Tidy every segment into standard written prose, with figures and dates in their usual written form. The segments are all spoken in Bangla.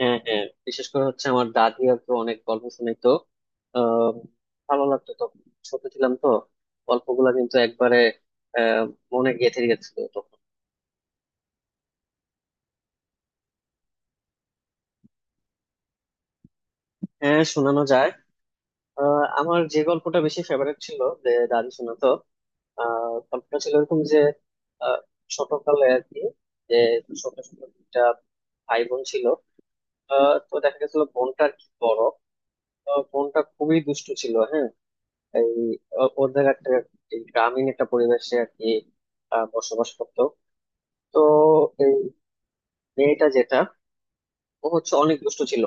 হ্যাঁ, হ্যাঁ। বিশেষ করে হচ্ছে আমার দাদি আর কি অনেক গল্প শুনাইতো। আহ ভালো লাগতো তখন, ছোট ছিলাম তো। গল্পগুলা কিন্তু একবারে আহ মনে গেঁথে গেছিল তখন। হ্যাঁ, শোনানো যায়। আমার যে গল্পটা বেশি ফেভারিট ছিল যে দাদি শোনাতো, গল্পটা ছিল এরকম যে আহ ছোটকালে আর কি, যে ছোট ছোট দুইটা ভাই বোন ছিল। তো দেখা গেছিল বোনটা আর কি বড়। বোনটা খুবই দুষ্টু ছিল, হ্যাঁ। এই, ওদের একটা এই গ্রামীণ একটা পরিবেশে আর কি বসবাস করতো। তো এই মেয়েটা, যেটা, ও হচ্ছে অনেক দুষ্টু ছিল।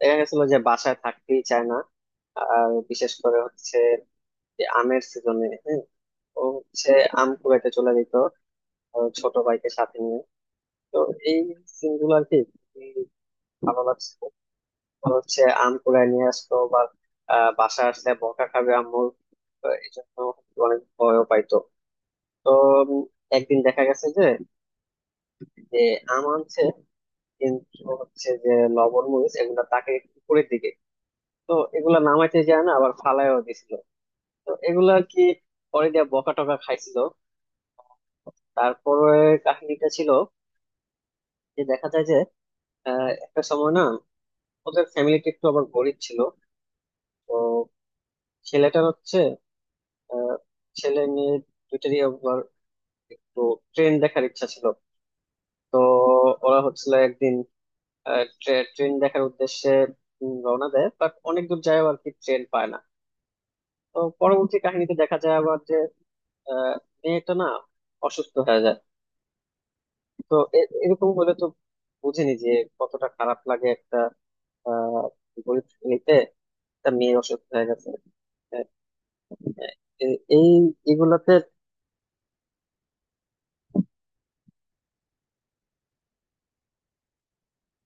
দেখা গেছিল যে বাসায় থাকতেই চায় না। আর বিশেষ করে হচ্ছে যে আমের সিজনে, হ্যাঁ, ও হচ্ছে আম কুড়াইতে চলে যেত, ছোট ভাইকে সাথে নিয়ে। তো এই সিনগুলো আর কি খুবই ভালো লাগছে। ও হচ্ছে আম কুড়াই নিয়ে আসতো, বা বাসায় আসলে বকা খাবে আম্মুর, তো এই জন্য অনেক ভয়ও পাইতো। তো উম, একদিন দেখা গেছে যে, যে আম আনছে, কিন্তু হচ্ছে যে লবণ মরিচ এগুলা তাকে একটু উপরের দিকে, তো এগুলা নামাইতে যায় না, আবার ফালায়ও দিছিল। তো এগুলা কি পরে দিয়ে বকা টকা খাইছিল। তারপরে কাহিনীটা ছিল যে দেখা যায় যে একটা সময় না, ওদের ফ্যামিলিটা একটু আবার গরিব ছিল। তো ছেলেটার হচ্ছে আহ, ছেলে মেয়ে দুইটারই আবার একটু ট্রেন দেখার ইচ্ছা ছিল। তো ওরা হচ্ছিল একদিন ট্রেন দেখার উদ্দেশ্যে রওনা দেয়, বাট অনেক দূর যায় আর কি, ট্রেন পায় না। তো পরবর্তী কাহিনীতে দেখা যায় আবার যে আহ, মেয়েটা না অসুস্থ হয়ে যায়। তো এরকম হলে তো বুঝিনি যে কতটা খারাপ লাগে একটা আহ গরিব ফ্যামিলিতে একটা মেয়ে অসুস্থ হয়ে গেছে। আহ, এই এগুলাতে।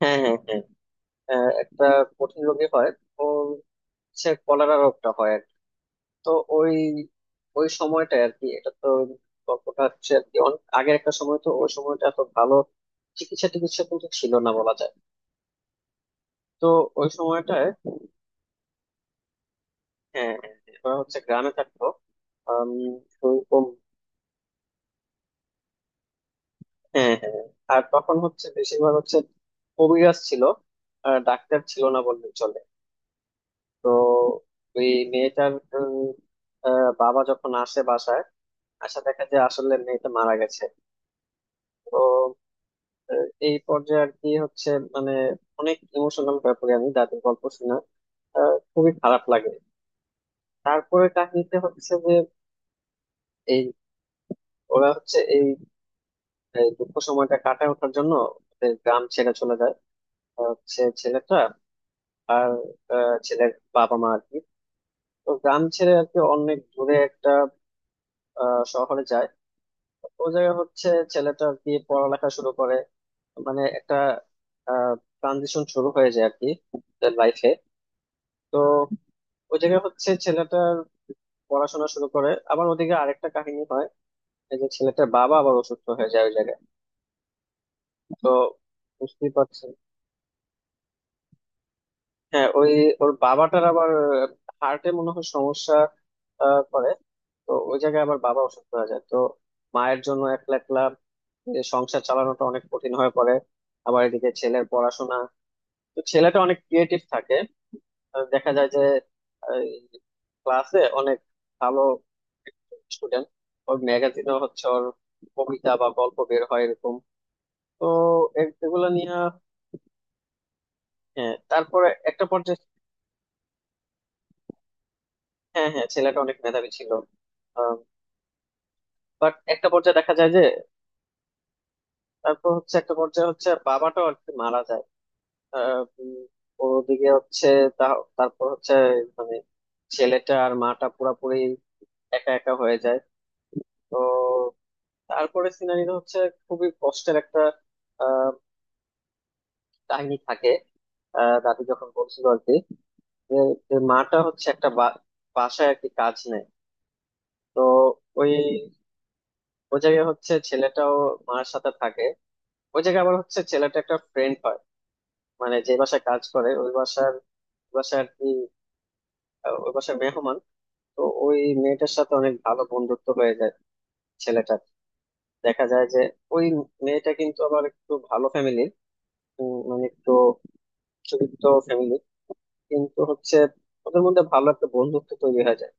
হ্যাঁ, হ্যাঁ, হ্যাঁ। একটা কঠিন রোগী হয় ও, সে কলেরা রোগটা হয়। তো ওই, সময়টা আর কি, এটা তো গল্পটা হচ্ছে আর কি অনেক আগের একটা সময়, তো ওই সময়টা এত ভালো চিকিৎসা টিকিৎসা কিন্তু ছিল না বলা যায়। তো ওই সময়টায়। হ্যাঁ, হ্যাঁ, হ্যাঁ, ওরা হচ্ছে গ্রামে থাকতো। আম, ওরকম, হ্যাঁ, হ্যাঁ। আর তখন হচ্ছে বেশিরভাগ হচ্ছে কবিরাজ ছিল, আর ডাক্তার ছিল না বললেই চলে। তো ওই মেয়েটার উম, বাবা যখন আসে বাসায়, আসা দেখা যায় আসলে মেয়েটা মারা গেছে। তো এই পর্যায়ে আর কি হচ্ছে, মানে অনেক ইমোশনাল ব্যাপারে আমি দাদুর গল্প শুনে খুবই খারাপ লাগে। তারপরে কাহিনীতে হচ্ছে যে এই, ওরা হচ্ছে এই এই দুঃখ সময়টা কাটায় ওঠার জন্য ওদের গ্রাম ছেড়ে চলে যায়। হচ্ছে ছেলেটা আর ছেলের বাবা মা আর কি। তো গ্রাম ছেড়ে আর কি অনেক দূরে একটা শহরে যায়। ও জায়গায় হচ্ছে ছেলেটা আর কি পড়ালেখা শুরু করে, মানে একটা ট্রানজিশন শুরু হয়ে যায় আর কি লাইফে। তো ওই জায়গায় হচ্ছে ছেলেটার পড়াশোনা শুরু করে, আবার ওদিকে আরেকটা কাহিনী হয়, এই যে ছেলেটার বাবা আবার অসুস্থ হয়ে যায় ওই জায়গায়। তো বুঝতেই পারছেন। হ্যাঁ, ওই ওর বাবাটার আবার হার্টে মনে হয় সমস্যা করে। তো ওই জায়গায় আবার বাবা অসুস্থ হয়ে যায়, তো মায়ের জন্য একলা একলা এ সংসার চালানোটা অনেক কঠিন হয়ে পড়ে। আবার এদিকে ছেলের পড়াশোনা। তো ছেলেটা অনেক ক্রিয়েটিভ থাকে, দেখা যায় যে এই, ক্লাসে অনেক ভালো স্টুডেন্ট। ওর ম্যাগাজিনও হচ্ছে ওর কবিতা বা গল্প বের হয় এরকম। তো এগুলো নিয়ে। হ্যাঁ, তারপরে একটা পর্যায়ে। হ্যাঁ, হ্যাঁ, ছেলেটা অনেক মেধাবী ছিল। বাট একটা পর্যায়ে দেখা যায় যে, তারপর হচ্ছে একটা পর্যায়ে হচ্ছে বাবাটাও আর কি মারা যায়। আহ, উম, ওদিকে হচ্ছে তা- তারপর হচ্ছে মানে ছেলেটা আর মাটা পুরাপুরি একা একা হয়ে যায়। তো তারপরে সিনারিটা হচ্ছে খুবই কষ্টের একটা আহ, কাহিনী থাকে। দাদি যখন বলছিল আর কি, যে, যে মাটা হচ্ছে একটা বাসায় আর কি কাজ নেয়। তো ওই, জায়গায় হচ্ছে ছেলেটাও মার সাথে থাকে। ওই জায়গায় আবার হচ্ছে ছেলেটা একটা ফ্রেন্ড হয়, মানে যে বাসায় কাজ করে ওই বাসার বাসায় আর কি ওই বাসার মেহমান। তো ওই মেয়েটার সাথে অনেক ভালো বন্ধুত্ব হয়ে যায় ছেলেটার। দেখা যায় যে ওই মেয়েটা কিন্তু আবার একটু ভালো ফ্যামিলির, মানে একটু উচ্চবিত্ত ফ্যামিলি। কিন্তু হচ্ছে ওদের মধ্যে ভালো একটা বন্ধুত্ব তৈরি হয়ে যায়।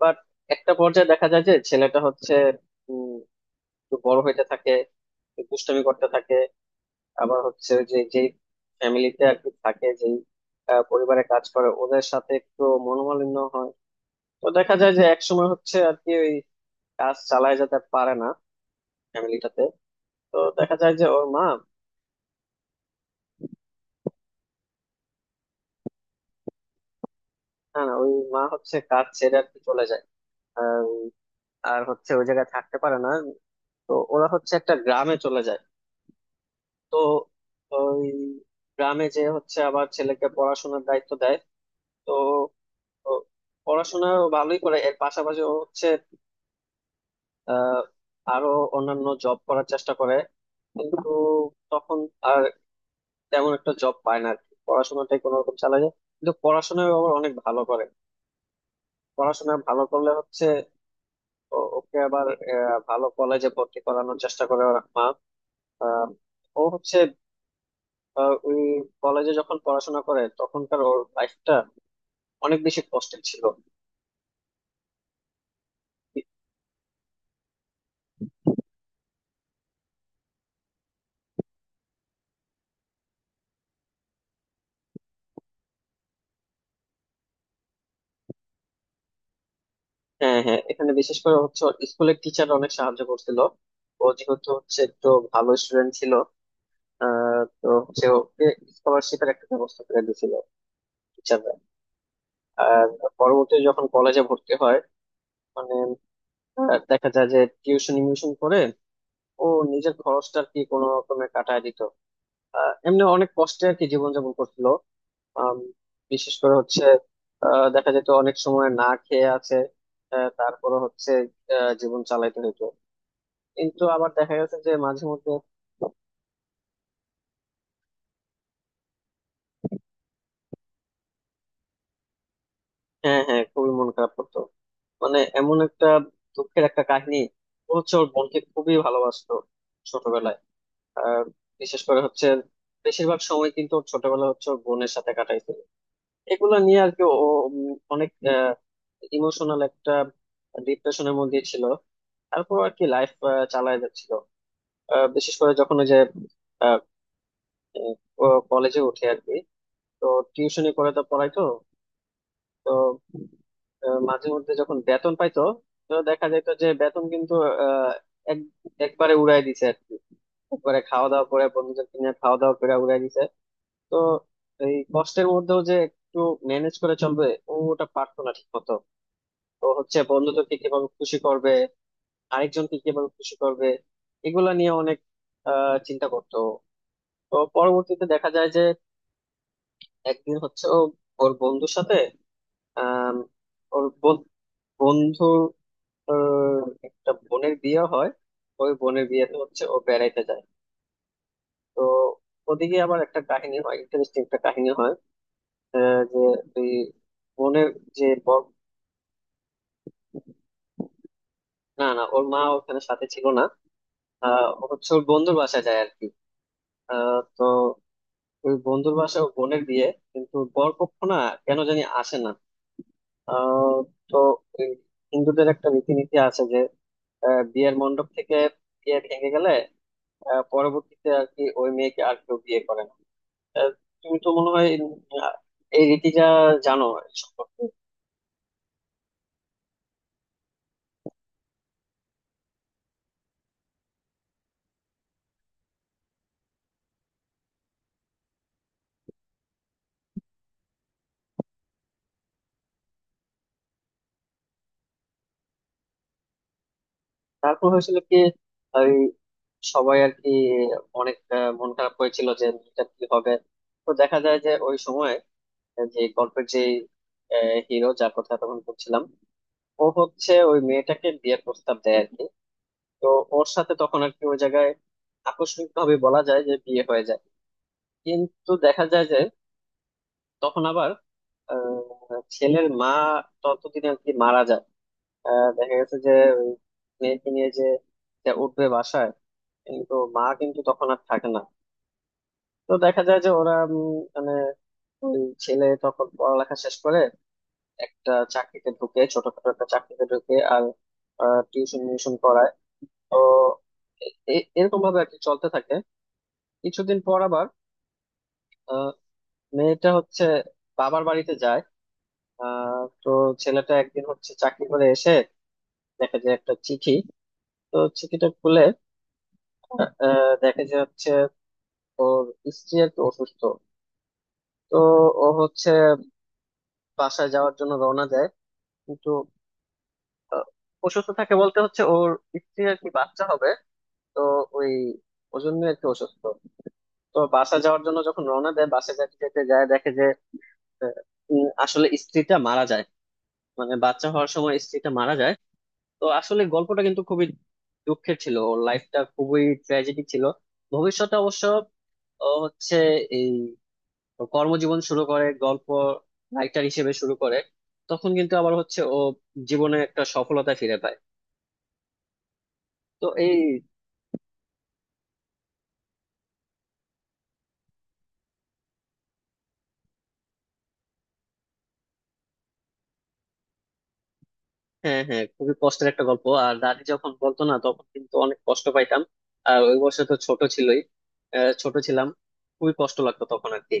বাট একটা পর্যায়ে দেখা যায় যে ছেলেটা হচ্ছে উম একটু বড় হইতে থাকে, একটু দুষ্টামি করতে থাকে। আবার হচ্ছে ওই যে যেই ফ্যামিলিতে আর কি থাকে যেই পরিবারে কাজ করে ওদের সাথে একটু মনোমালিন্য হয়। তো দেখা যায় যে একসময় হচ্ছে আর কি ওই কাজ চালায় যেতে পারে না ফ্যামিলিটাতে। তো দেখা যায় যে ওর মা, না, না, ওই মা হচ্ছে কাজ ছেড়ে আর কি চলে যায়। আর আর হচ্ছে ওই জায়গায় থাকতে পারে না। তো ওরা হচ্ছে একটা গ্রামে চলে যায়। তো ওই গ্রামে যে হচ্ছে আবার ছেলেকে পড়াশোনার দায়িত্ব দেয়। তো ও পড়াশোনা ও ভালোই করে, এর পাশাপাশি ও হচ্ছে আহ আরো অন্যান্য জব করার চেষ্টা করে, কিন্তু তখন আর তেমন একটা জব পায় না আর কি, পড়াশোনাটাই কোনো রকম চালায় যায়, কিন্তু পড়াশোনায় ও আবার অনেক ভালো করে। পড়াশোনা ভালো করলে হচ্ছে ওকে আবার ভালো কলেজে ভর্তি করানোর চেষ্টা করে ওর মা। আহ, ও হচ্ছে ওই কলেজে যখন পড়াশোনা করে তখনকার ওর লাইফটা অনেক বেশি কষ্টের ছিল। হ্যাঁ, হ্যাঁ, এখানে বিশেষ করে হচ্ছে স্কুলের টিচার অনেক সাহায্য করছিল। ও যেহেতু হচ্ছে একটু ভালো স্টুডেন্ট ছিল, তো হচ্ছে ওকে স্কলারশিপের একটা ব্যবস্থা করে দিয়েছিল টিচাররা। আর পরবর্তীতে যখন কলেজে ভর্তি হয় মানে দেখা যায় যে টিউশন মিউশন করে ও নিজের খরচটা আর কি কোনো রকমে কাটায় দিত। এমনি অনেক কষ্টে আর কি জীবনযাপন করছিল। আম, বিশেষ করে হচ্ছে দেখা যেত অনেক সময় না খেয়ে আছে, তারপরে হচ্ছে জীবন চালাইতে হতো। কিন্তু আবার দেখা গেছে যে মাঝে মধ্যে। হ্যাঁ, হ্যাঁ, খুবই মন খারাপ করতো, মানে এমন একটা দুঃখের একটা কাহিনী। ও হচ্ছে ওর বোনকে খুবই ভালোবাসতো ছোটবেলায়। আহ বিশেষ করে হচ্ছে বেশিরভাগ সময় কিন্তু ওর ছোটবেলা হচ্ছে ওর বোনের সাথে কাটাইছিল। এগুলো নিয়ে আর কি ও উম, অনেক ইমোশনাল একটা ডিপ্রেশনের মধ্যে ছিল। তারপর আর কি লাইফ চালায় যাচ্ছিল। বিশেষ করে যখন ওই যে কলেজে উঠে আর কি, তো টিউশনি করে তো পড়াই তো। তো মাঝে মধ্যে যখন বেতন পাইতো, তো দেখা যেত যে বেতন কিন্তু আহ, এক একবারে উড়াই দিছে আর কি, একবারে খাওয়া দাওয়া করে বন্ধুদেরকে নিয়ে খাওয়া দাওয়া করে উড়াই দিছে। তো এই কষ্টের মধ্যেও যে একটু ম্যানেজ করে চলবে, ও ওটা পারতো না ঠিক মতো। তো হচ্ছে বন্ধুদেরকে কিভাবে খুশি করবে, আরেকজনকে কিভাবে খুশি করবে, এগুলা নিয়ে অনেক চিন্তা করতো। তো পরবর্তীতে দেখা যায় যে একদিন হচ্ছে ও ওর বন্ধুর সাথে আম, ওর বন্ধুর আহ, একটা বোনের বিয়ে হয়, ওই বোনের বিয়েতে হচ্ছে ও বেড়াইতে যায়। তো ওদিকে আবার একটা কাহিনী হয়, ইন্টারেস্টিং একটা কাহিনী হয় যে ওই বোনের যে না, না, ওর মা ওখানে সাথে ছিল না। ও হচ্ছে ওর বন্ধুর বাসায় যায় আর কি। তো ওই বন্ধুর বাসায় ওর বোনের বিয়ে, কিন্তু বরপক্ষ না কেন জানি আসে না। আহ, তো এই হিন্দুদের একটা রীতিনীতি আছে যে বিয়ের মণ্ডপ থেকে বিয়ে ভেঙে গেলে পরবর্তীতে আর কি ওই মেয়েকে আর কেউ বিয়ে করে না। আহ, তুমি তো মনে হয় আহ, এই রীতিটা জানো এই সম্পর্কে। তারপর হয়েছিল কি ওই সবাই আর কি অনেক মন খারাপ হয়েছিল যে মেয়েটা কি হবে। তো দেখা যায় যে ওই সময় যে গল্পের যে হিরো যার কথা তখন বলছিলাম, ও হচ্ছে ওই মেয়েটাকে বিয়ের প্রস্তাব দেয়। তো ওর সাথে তখন আর কি ওই জায়গায় আকস্মিক ভাবে বলা যায় যে বিয়ে হয়ে যায়। কিন্তু দেখা যায় যে তখন আবার ছেলের মা ততদিন আর কি মারা যায়। দেখা গেছে যে ওই মেয়েকে নিয়ে যে, যে উঠবে বাসায়, কিন্তু মা কিন্তু তখন আর থাকে না। তো দেখা যায় যে ওরা মানে ওই ছেলে তখন পড়ালেখা শেষ করে একটা চাকরিতে ঢুকে, ছোটখাটো একটা চাকরিতে ঢুকে আর টিউশন মিউশন করায়। তো এরকম ভাবে আর কি চলতে থাকে। কিছুদিন পর আবার আহ, মেয়েটা হচ্ছে বাবার বাড়িতে যায়। আহ, তো ছেলেটা একদিন হচ্ছে চাকরি করে এসে দেখে যে একটা চিঠি, তো চিঠিটা খুলে দেখে যে হচ্ছে ওর স্ত্রী একটু অসুস্থ। তো ও হচ্ছে বাসায় যাওয়ার জন্য রওনা দেয়। কিন্তু আহ, অসুস্থ থাকে বলতে হচ্ছে ওর স্ত্রী আর কি বাচ্চা হবে, তো ওই, জন্য একটু অসুস্থ। তো বাসা যাওয়ার জন্য যখন রওনা দেয়, বাসা যেতে যেতে যায় দেখে যে আহ, আসলে স্ত্রীটা মারা যায়, মানে বাচ্চা হওয়ার সময় স্ত্রীটা মারা যায়। তো আসলে গল্পটা কিন্তু খুবই দুঃখের ছিল, ওর লাইফটা খুবই ট্র্যাজেডি ছিল। ভবিষ্যতে অবশ্য ও হচ্ছে এই কর্মজীবন শুরু করে, গল্প রাইটার হিসেবে শুরু করে। তখন কিন্তু আবার হচ্ছে ও জীবনে একটা সফলতা ফিরে পায়। তো এই, হ্যাঁ, হ্যাঁ, খুবই কষ্টের একটা গল্প। আর দাদি যখন বলতো না তখন কিন্তু অনেক কষ্ট পাইতাম। আর ওই বয়সে তো ছোট ছিলই, ছোট ছিলাম, খুবই কষ্ট লাগতো তখন আর কি।